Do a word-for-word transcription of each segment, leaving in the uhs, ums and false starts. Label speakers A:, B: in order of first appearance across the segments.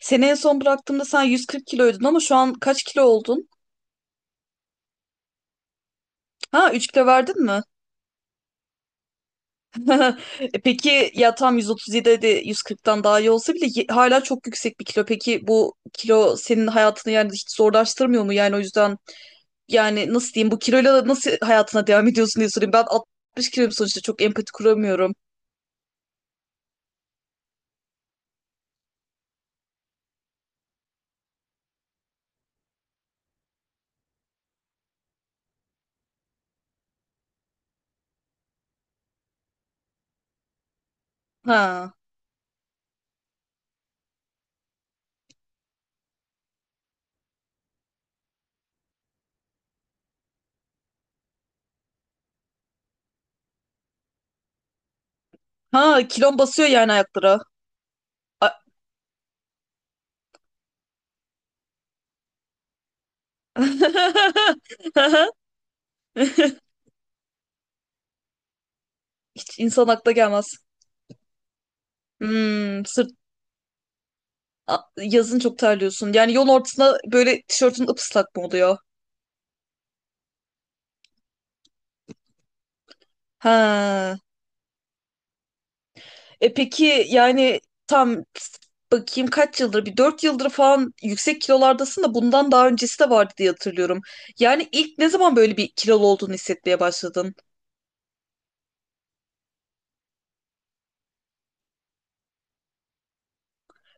A: Seni en son bıraktığımda sen yüz kırk kiloydun ama şu an kaç kilo oldun? Ha, üç kilo verdin mi? E, peki ya tam yüz otuz yedi de yüz kırktan daha iyi olsa bile ye- hala çok yüksek bir kilo. Peki bu kilo senin hayatını yani hiç zorlaştırmıyor mu? Yani o yüzden, yani nasıl diyeyim bu kiloyla nasıl hayatına devam ediyorsun diye sorayım. Ben altmış kiloyum sonuçta çok empati kuramıyorum. Ha. Ha, kilon basıyor yani ayaklara. A- İnsan akla gelmez. Hmm. A- Yazın çok terliyorsun. Yani yol ortasında böyle tişörtün ıslak mı oluyor? Ha. E, peki yani, tam bakayım, kaç yıldır, bir dört yıldır falan yüksek kilolardasın da bundan daha öncesi de vardı diye hatırlıyorum. Yani ilk ne zaman böyle bir kilolu olduğunu hissetmeye başladın?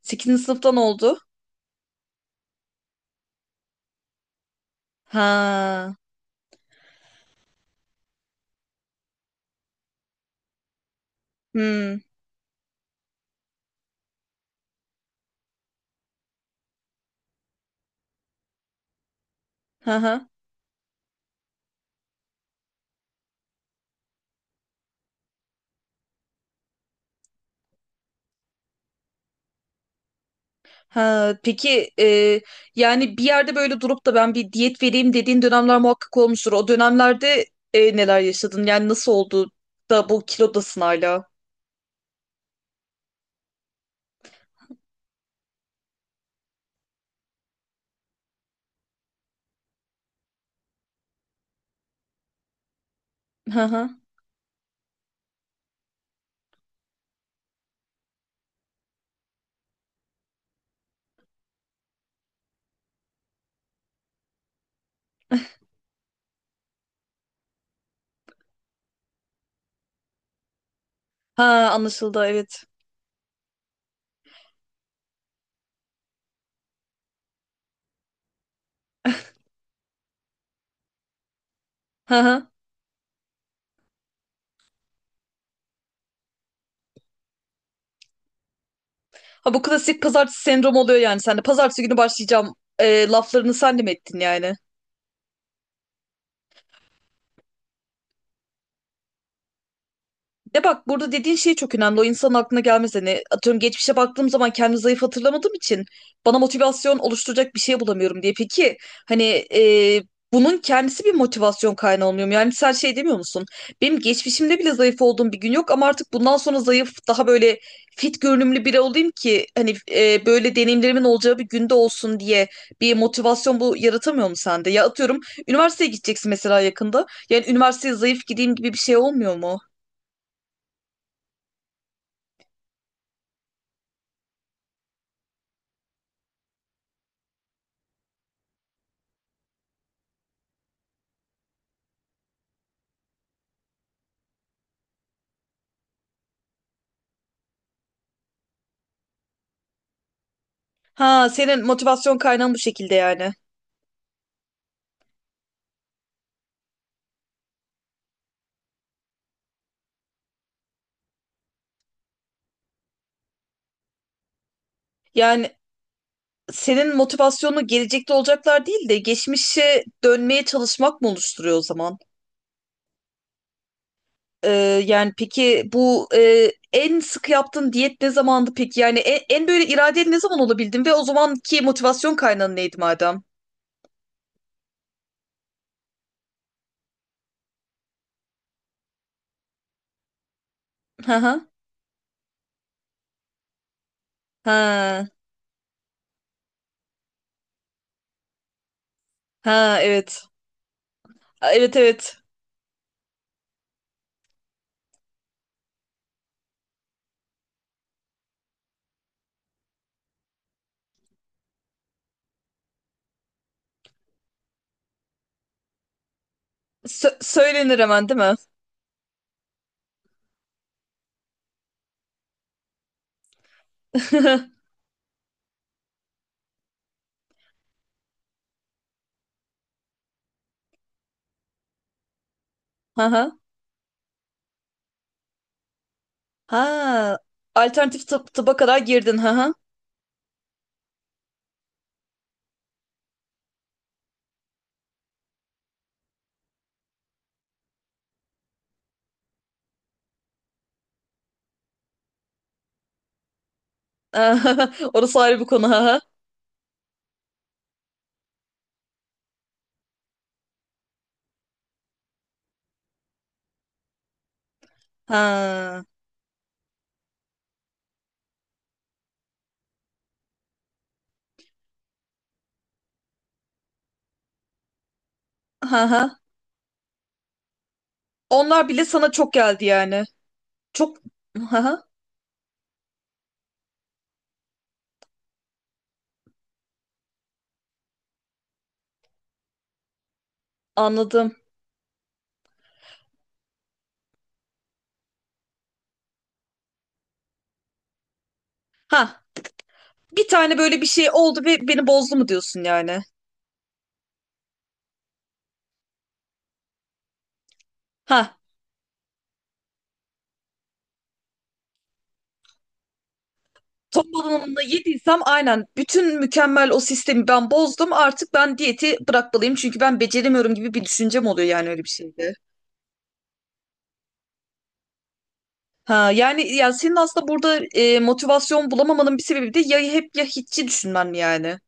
A: Sekizinci sınıftan oldu. Ha. Hmm. Ha. Ha, peki, e, yani bir yerde böyle durup da ben bir diyet vereyim dediğin dönemler muhakkak olmuştur. O dönemlerde e, neler yaşadın? Yani nasıl oldu da bu kilodasın hala? Hı hı. Ha, anlaşıldı, evet. Hı hı. Ha, bu klasik pazartesi sendromu oluyor yani sende. Pazartesi günü başlayacağım e, laflarını sen de mi ettin yani? De bak, burada dediğin şey çok önemli. O insanın aklına gelmez. Hani atıyorum, geçmişe baktığım zaman kendimi zayıf hatırlamadığım için bana motivasyon oluşturacak bir şey bulamıyorum diye. Peki hani, e, bunun kendisi bir motivasyon kaynağı olmuyor mu? Yani sen şey demiyor musun? Benim geçmişimde bile zayıf olduğum bir gün yok ama artık bundan sonra zayıf, daha böyle fit görünümlü biri olayım ki hani, e, böyle deneyimlerimin olacağı bir günde olsun diye bir motivasyon bu yaratamıyor mu sende? Ya atıyorum üniversiteye gideceksin mesela yakında. Yani üniversiteye zayıf gideyim gibi bir şey olmuyor mu? Ha, senin motivasyon kaynağın bu şekilde yani. Yani senin motivasyonu gelecekte olacaklar değil de geçmişe dönmeye çalışmak mı oluşturuyor o zaman? Ee, yani peki bu, e, en sık yaptığın diyet ne zamandı peki? Yani en, en böyle iradeli ne zaman olabildin ve o zamanki motivasyon kaynağın neydi madem? Ha ha. Ha. Ha, evet. Evet, evet. Sö- söylenir hemen değil mi? Ha ha. Ha. Alternatif tıp- tıba kadar girdin, ha ha. Orası ayrı bir konu, ha. Ha. Ha ha. Onlar bile sana çok geldi yani. Çok, ha ha. Anladım. Ha. Bir tane böyle bir şey oldu ve beni bozdu mu diyorsun yani? Ha. Ton balığını yediysem aynen bütün mükemmel o sistemi ben bozdum. Artık ben diyeti bırakmalıyım çünkü ben beceremiyorum gibi bir düşüncem oluyor yani, öyle bir şeyde. Ha, yani yani senin aslında burada e, motivasyon bulamamanın bir sebebi de ya hep ya hiççi düşünmen mi yani?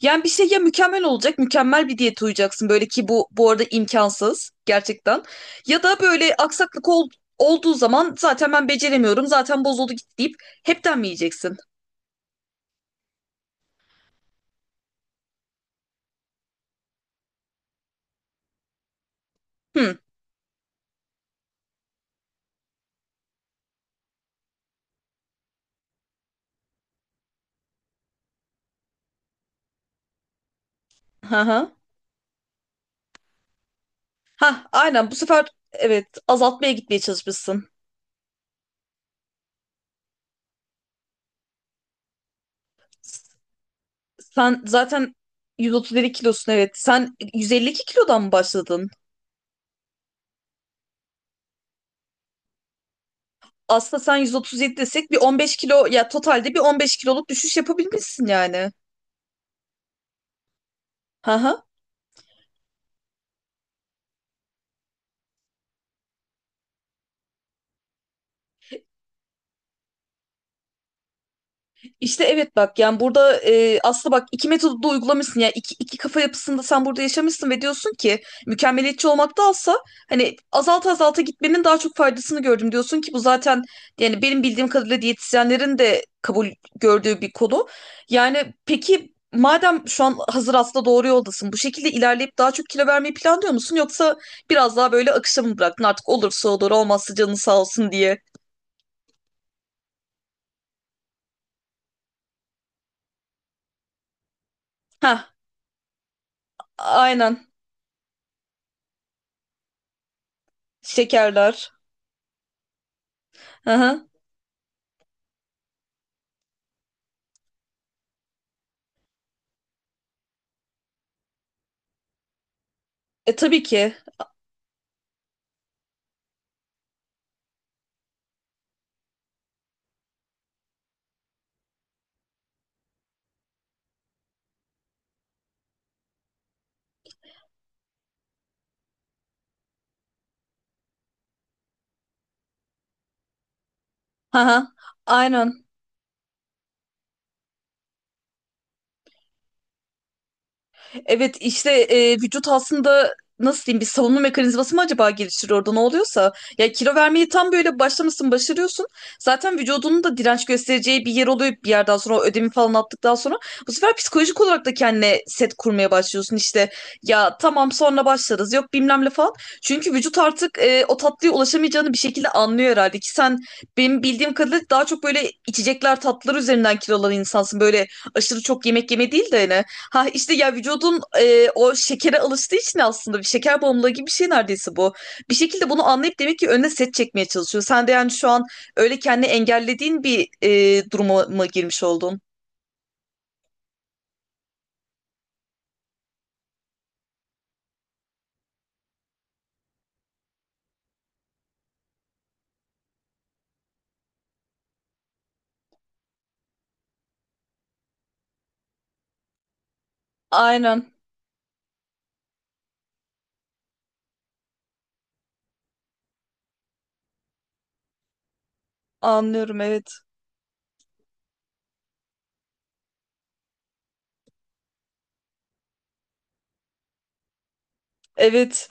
A: Yani bir şey ya mükemmel olacak, mükemmel bir diyete uyacaksın böyle ki bu bu arada imkansız gerçekten. Ya da böyle aksaklık ol- olduğu zaman zaten ben beceremiyorum, zaten bozuldu gitti deyip hepten mi yiyeceksin? Hmm. Ha ha. Ha, aynen bu sefer, evet, azaltmaya gitmeye çalışmışsın. S- Sen zaten yüz otuz yedi kilosun, evet. Sen yüz elli iki kilodan mı başladın? Aslında sen yüz otuz yedi desek bir on beş kilo ya, totalde bir on beş kiloluk düşüş yapabilmişsin yani. Ha, İşte evet, bak yani burada e, aslında bak iki metodu da uygulamışsın ya, iki, iki kafa yapısında sen burada yaşamışsın ve diyorsun ki mükemmeliyetçi olmaktansa, hani azalta azalta gitmenin daha çok faydasını gördüm diyorsun ki bu zaten yani benim bildiğim kadarıyla diyetisyenlerin de kabul gördüğü bir konu. Yani peki madem şu an hazır aslında doğru yoldasın, bu şekilde ilerleyip daha çok kilo vermeyi planlıyor musun, yoksa biraz daha böyle akışa mı bıraktın artık, olursa olur, olmazsa canın sağ olsun diye. Heh, aynen, şekerler. E tabii ki. Aha, aynen. Evet işte e, vücut aslında nasıl diyeyim, bir savunma mekanizması mı acaba geliştiriyor orada ne oluyorsa. Ya kilo vermeyi tam böyle başlamışsın başarıyorsun. Zaten vücudunun da direnç göstereceği bir yer oluyor bir yerden sonra, o ödemi falan attıktan sonra. Bu sefer psikolojik olarak da kendine set kurmaya başlıyorsun işte. Ya tamam sonra başlarız, yok bilmem ne falan. Çünkü vücut artık e, o tatlıya ulaşamayacağını bir şekilde anlıyor herhalde ki sen benim bildiğim kadarıyla daha çok böyle içecekler tatlılar üzerinden kilolanan insansın. Böyle aşırı çok yemek yeme değil de hani, ha işte ya vücudun e, o şekere alıştığı için aslında bir şeker bağımlılığı gibi bir şey neredeyse bu. Bir şekilde bunu anlayıp demek ki önüne set çekmeye çalışıyor. Sen de yani şu an öyle kendini engellediğin bir e, duruma mı girmiş oldun? Aynen, anlıyorum, evet. Evet.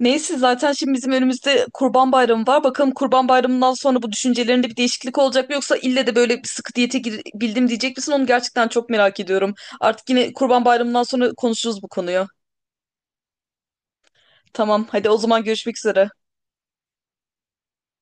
A: Neyse zaten şimdi bizim önümüzde Kurban Bayramı var. Bakalım Kurban Bayramı'ndan sonra bu düşüncelerinde bir değişiklik olacak mı, yoksa ille de böyle bir sıkı diyete gir- bildim diyecek misin? Onu gerçekten çok merak ediyorum. Artık yine Kurban Bayramı'ndan sonra konuşuruz bu konuyu. Tamam, hadi o zaman görüşmek üzere.